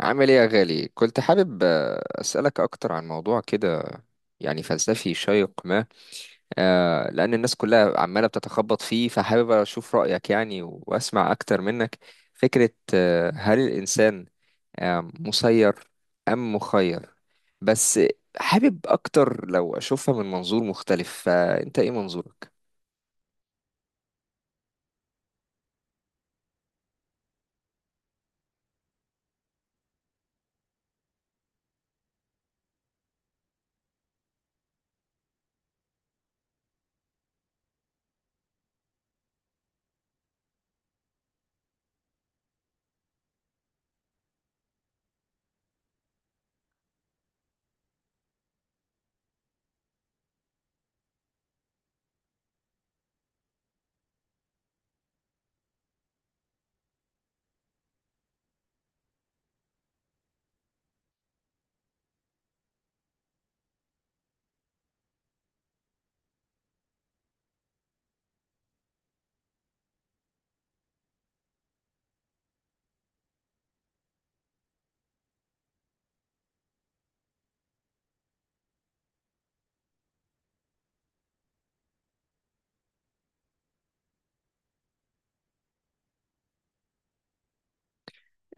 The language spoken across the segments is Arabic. عامل ايه يا غالي؟ كنت حابب اسالك اكتر عن موضوع كده يعني فلسفي شيق ما. لان الناس كلها عماله بتتخبط فيه، فحابب اشوف رايك يعني واسمع اكتر منك. فكره هل الانسان مسير ام مخير؟ بس حابب اكتر لو اشوفها من منظور مختلف، فانت ايه منظورك؟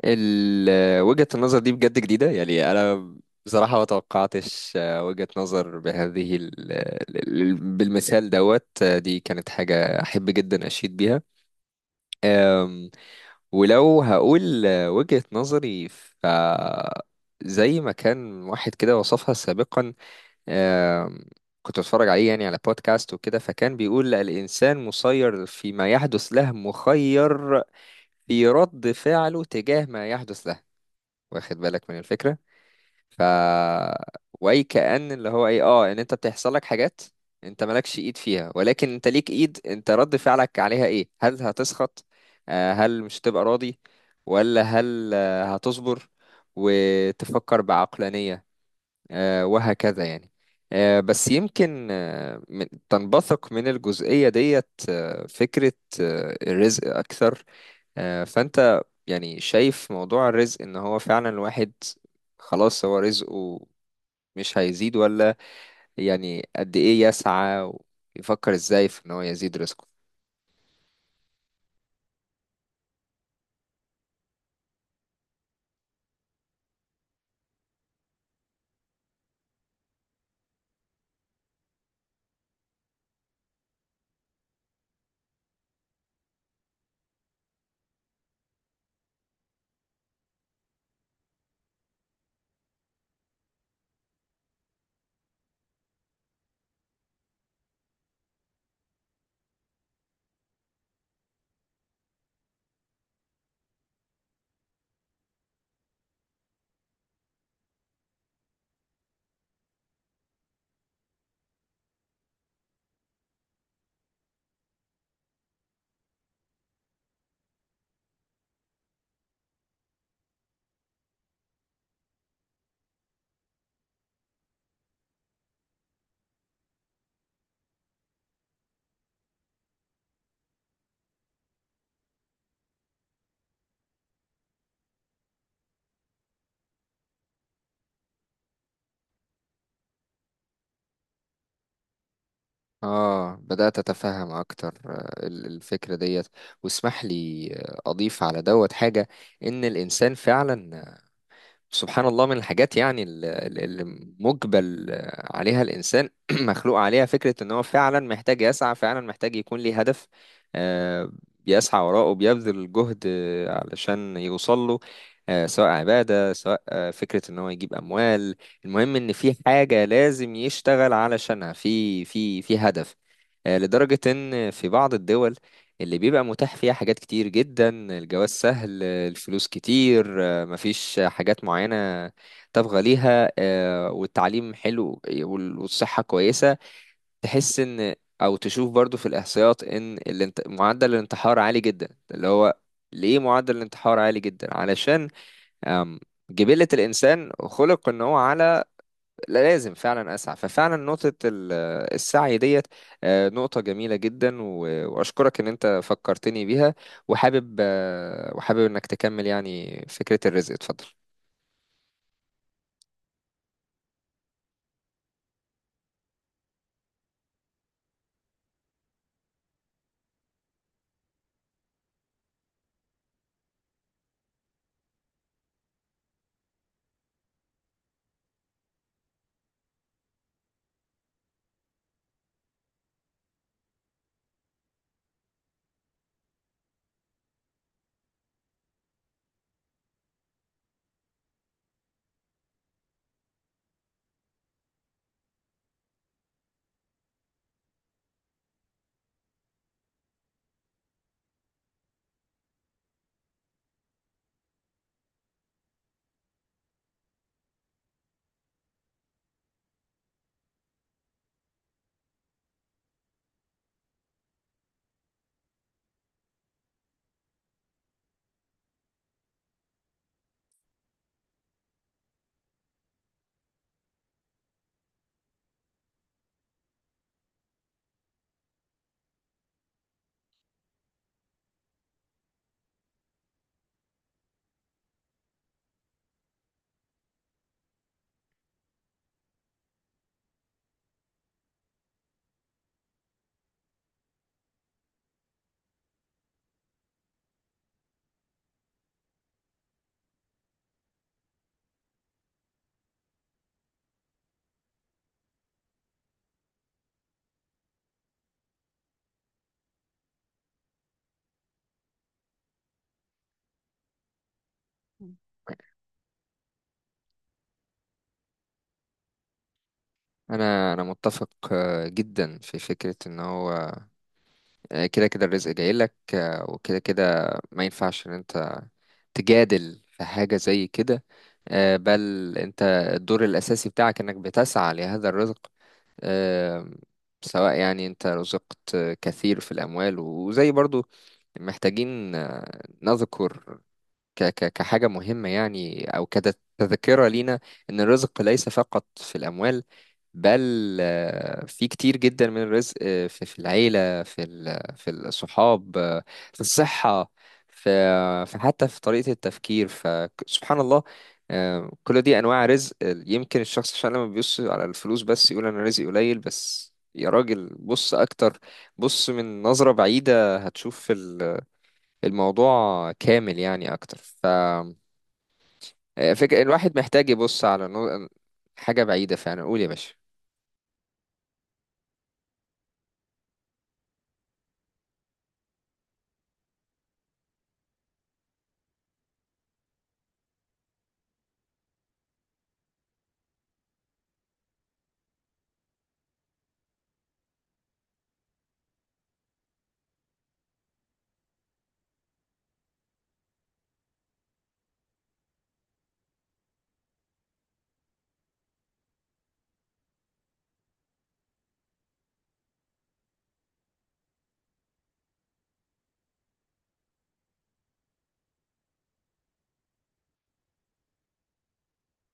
وجهة النظر دي بجد جديدة، يعني أنا بصراحة ما توقعتش وجهة نظر بهذه بالمثال دوت دي، كانت حاجة أحب جدا أشيد بيها. آم، ولو هقول وجهة نظري ف زي ما كان واحد كده وصفها سابقا. آم، كنت بتفرج عليه يعني على بودكاست وكده، فكان بيقول الإنسان مسير فيما يحدث له، مخير في رد فعله تجاه ما يحدث له. واخد بالك من الفكرة؟ ف واي كأن اللي هو ايه ان انت بتحصل لك حاجات انت مالكش ايد فيها، ولكن انت ليك ايد، انت رد فعلك عليها ايه؟ هل هتسخط؟ هل مش هتبقى راضي؟ ولا هل هتصبر وتفكر بعقلانية؟ وهكذا يعني. بس يمكن تنبثق من الجزئية ديت فكرة الرزق أكثر. فانت يعني شايف موضوع الرزق ان هو فعلا الواحد خلاص هو رزقه مش هيزيد؟ ولا يعني قد ايه يسعى ويفكر ازاي في ان هو يزيد رزقه؟ اه، بدأت اتفهم اكتر الفكرة ديت. واسمح لي اضيف على دوت حاجة. ان الانسان فعلا سبحان الله من الحاجات يعني اللي مجبل عليها الإنسان مخلوق عليها، فكرة إن هو فعلا محتاج يسعى، فعلا محتاج يكون ليه هدف. آه، بيسعى وراءه، بيبذل جهد علشان يوصل له. سواء عبادة، سواء فكرة إن هو يجيب أموال. المهم إن في حاجة لازم يشتغل علشانها، في هدف. لدرجة إن في بعض الدول اللي بيبقى متاح فيها حاجات كتير جدا، الجواز سهل، الفلوس كتير، مفيش حاجات معينة تبغى ليها، والتعليم حلو، والصحة كويسة، تحس ان او تشوف برضو في الاحصائيات ان معدل الانتحار عالي جدا. اللي هو ليه معدل الانتحار عالي جدا؟ علشان آم، جبلة الانسان خلق ان هو على لا، لازم فعلا اسعى. ففعلا نقطة السعي ديت نقطة جميلة جدا، واشكرك ان انت فكرتني بيها. وحابب انك تكمل يعني فكرة الرزق، اتفضل. انا متفق جدا في فكره ان هو كده كده الرزق جاي لك، وكده كده ما ينفعش ان انت تجادل في حاجه زي كده. بل انت الدور الاساسي بتاعك انك بتسعى لهذا الرزق. آه، سواء يعني انت رزقت كثير في الاموال. وزي برضو محتاجين نذكر ك ك كحاجة مهمة يعني، أو كتذكرة لينا، إن الرزق ليس فقط في الأموال، بل في كتير جدا من الرزق في العيلة، في الصحاب، في الصحة، في حتى في طريقة التفكير، فسبحان الله. كل دي أنواع رزق. يمكن الشخص عشان لما بيبص على الفلوس بس يقول أنا رزقي قليل. بس يا راجل بص أكتر، بص من نظرة بعيدة، هتشوف الموضوع كامل يعني اكتر. ف الواحد محتاج يبص على حاجة بعيدة فعلا. قول يا باشا.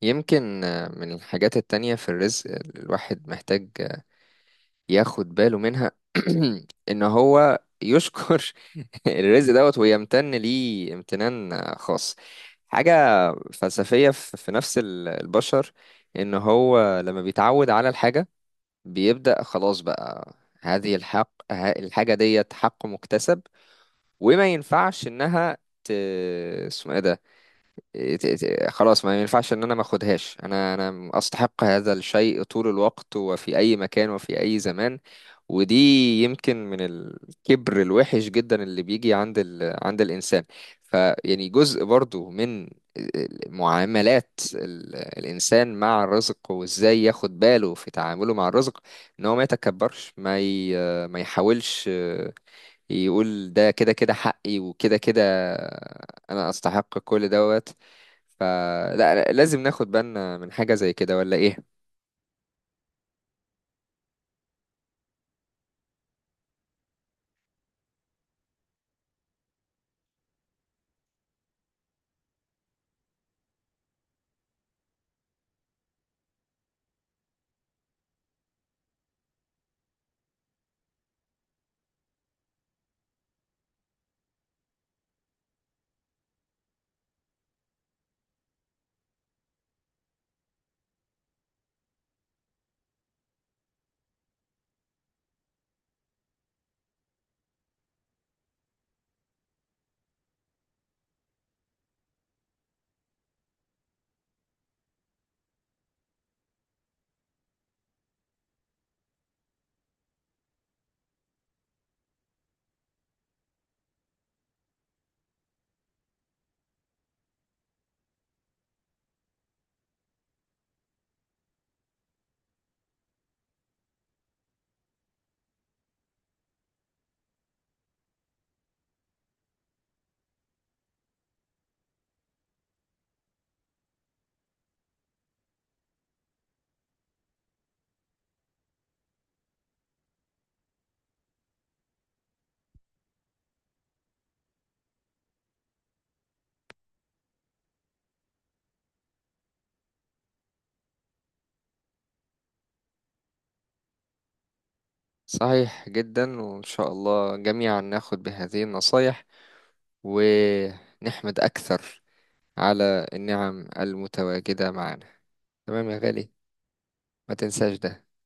يمكن من الحاجات التانية في الرزق الواحد محتاج ياخد باله منها، ان هو يشكر الرزق دوت ويمتن ليه امتنان خاص. حاجة فلسفية في نفس البشر، ان هو لما بيتعود على الحاجة بيبدأ خلاص بقى هذه الحاجة ديت حق مكتسب، وما ينفعش انها ت... اسمه ايه ده، خلاص ما ينفعش ان انا ما اخدهاش. انا استحق هذا الشيء طول الوقت وفي اي مكان وفي اي زمان. ودي يمكن من الكبر الوحش جدا اللي بيجي عند عند الانسان. فيعني جزء برضو من معاملات الانسان مع الرزق، وازاي ياخد باله في تعامله مع الرزق، ان هو ما يتكبرش، ما يحاولش يقول ده كده كده حقي وكده كده انا استحق كل دوت. فلا، لازم ناخد بالنا من حاجة زي كده، ولا ايه؟ صحيح جدا، وان شاء الله جميعا ناخد بهذه النصايح ونحمد اكثر على النعم المتواجدة معنا. تمام يا غالي، ما تنساش ده.